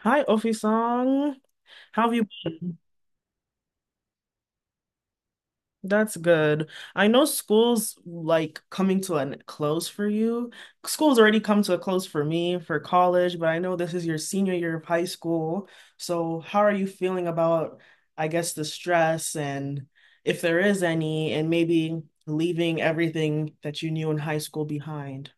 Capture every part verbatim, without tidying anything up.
Hi, Ofisang. How have you been? That's good. I know school's like coming to a close for you. School's already come to a close for me for college, but I know this is your senior year of high school. So how are you feeling about, I guess, the stress and if there is any, and maybe leaving everything that you knew in high school behind?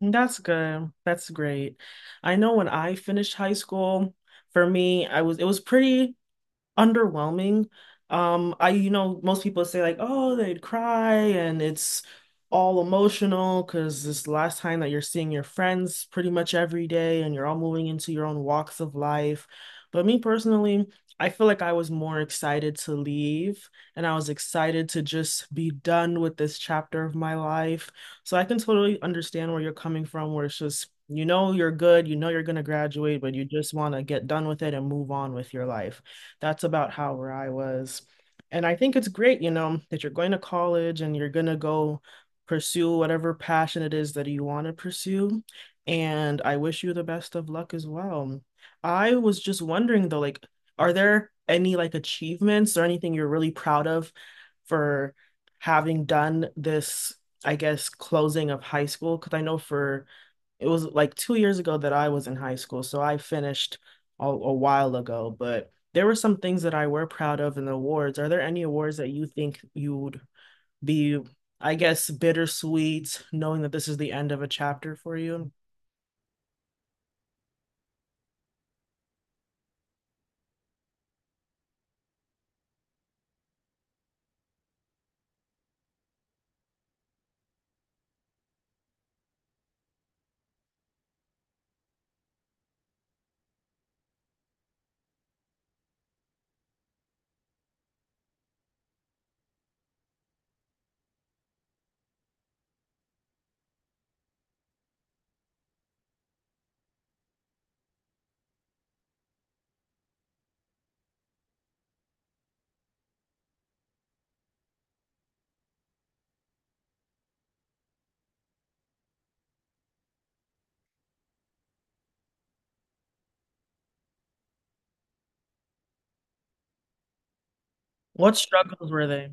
That's good. That's great. I know when I finished high school, for me, I was it was pretty underwhelming. Um, I, you know, most people say like, oh, they'd cry and it's all emotional because this last time that you're seeing your friends pretty much every day and you're all moving into your own walks of life. But me personally, I feel like I was more excited to leave and I was excited to just be done with this chapter of my life. So I can totally understand where you're coming from, where it's just, you know, you're good, you know, you're going to graduate, but you just want to get done with it and move on with your life. That's about how where I was. And I think it's great, you know, that you're going to college and you're going to go pursue whatever passion it is that you want to pursue. And I wish you the best of luck as well. I was just wondering though, like, are there any like achievements or anything you're really proud of for having done this, I guess, closing of high school? Because I know for it was like two years ago that I was in high school, so I finished a, a while ago, but there were some things that I were proud of in the awards. Are there any awards that you think you would be, I guess, bittersweet, knowing that this is the end of a chapter for you? What struggles were they?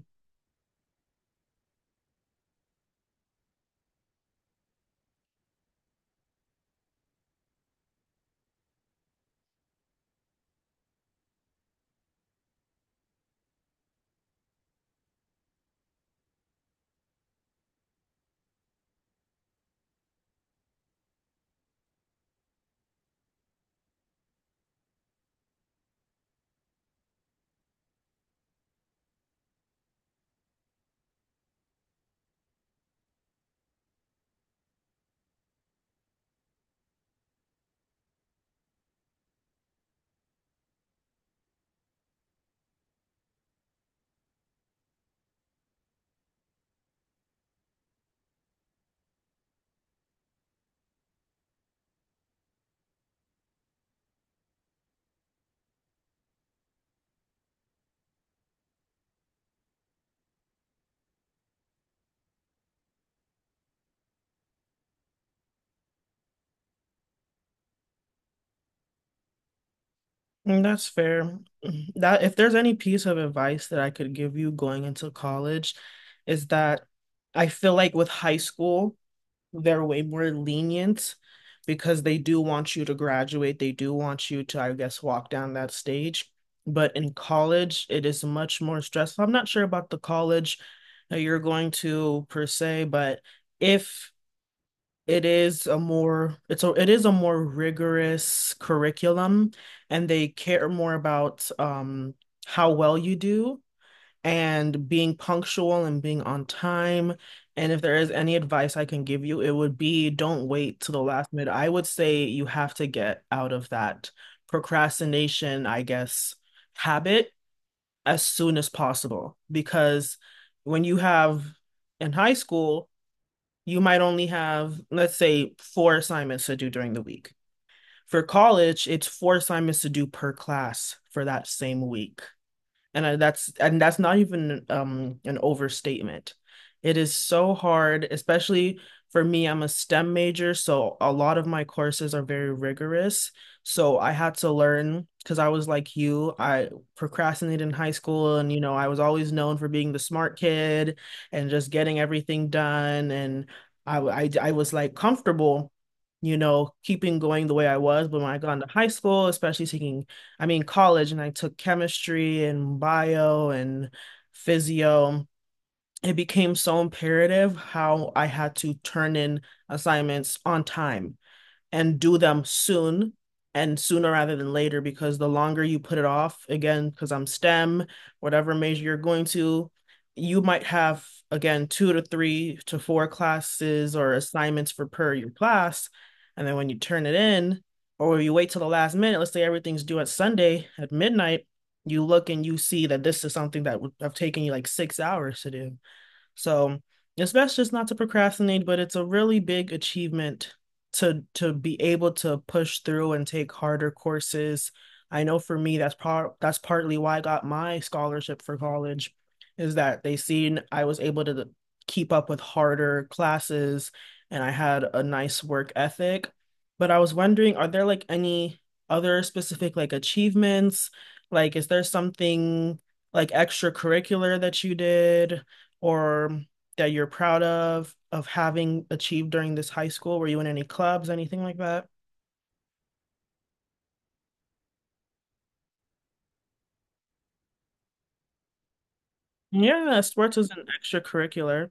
Mm, that's fair. That if there's any piece of advice that I could give you going into college, is that I feel like with high school, they're way more lenient because they do want you to graduate. They do want you to, I guess, walk down that stage. But in college, it is much more stressful. I'm not sure about the college that you're going to per se, but if it is a more it's a it is a more rigorous curriculum and they care more about um how well you do and being punctual and being on time. And if there is any advice I can give you, it would be don't wait to the last minute. I would say you have to get out of that procrastination, I guess, habit as soon as possible. Because when you have in high school, you might only have, let's say, four assignments to do during the week. For college, it's four assignments to do per class for that same week and I, that's and that's not even um an overstatement. It is so hard, especially for me, I'm a STEM major, so a lot of my courses are very rigorous. So I had to learn, because I was like you, I procrastinated in high school and, you know, I was always known for being the smart kid and just getting everything done. And i i, I was like comfortable, you know, keeping going the way I was. But when I got into high school, especially taking, I mean, college, and I took chemistry and bio and physio, it became so imperative how I had to turn in assignments on time and do them soon and sooner rather than later, because the longer you put it off, again, because I'm STEM, whatever major you're going to, you might have, again, two to three to four classes or assignments for per your class. And then when you turn it in, or you wait till the last minute, let's say everything's due at Sunday at midnight, you look and you see that this is something that would have taken you like six hours to do. So it's best just not to procrastinate, but it's a really big achievement to to be able to push through and take harder courses. I know for me, that's part that's partly why I got my scholarship for college, is that they seen I was able to keep up with harder classes and I had a nice work ethic. But I was wondering, are there like any other specific like achievements? Like, is there something like extracurricular that you did? Or that you're proud of of having achieved during this high school? Were you in any clubs, anything like that? Yeah, sports is an extracurricular.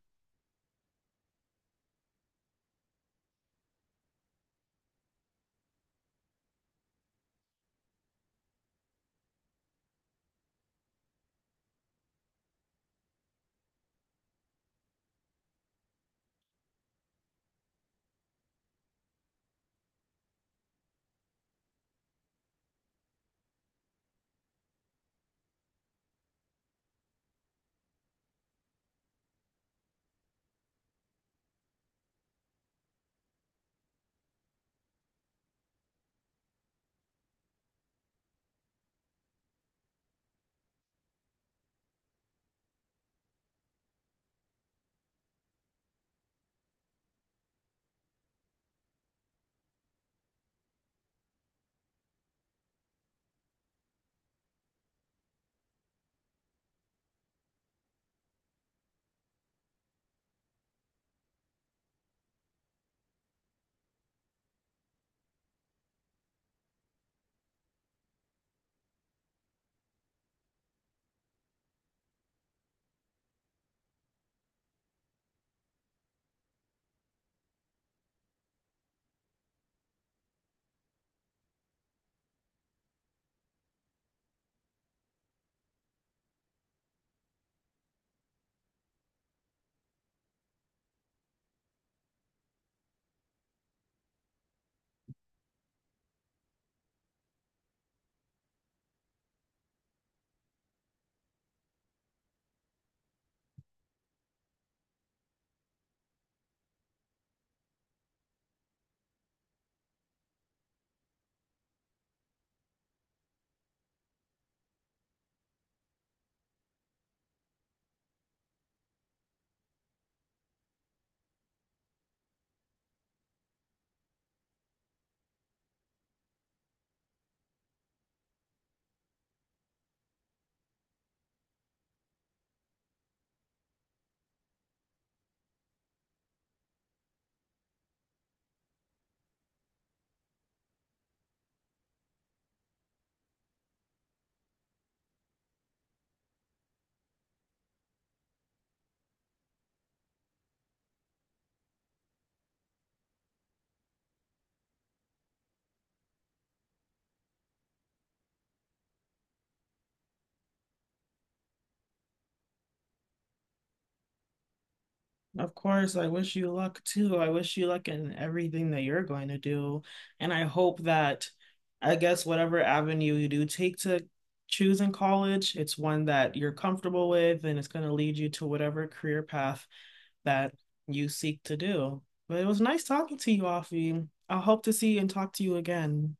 Of course, I wish you luck too. I wish you luck in everything that you're going to do. And I hope that, I guess, whatever avenue you do take to choose in college, it's one that you're comfortable with and it's going to lead you to whatever career path that you seek to do. But it was nice talking to you, Afi. I hope to see and talk to you again.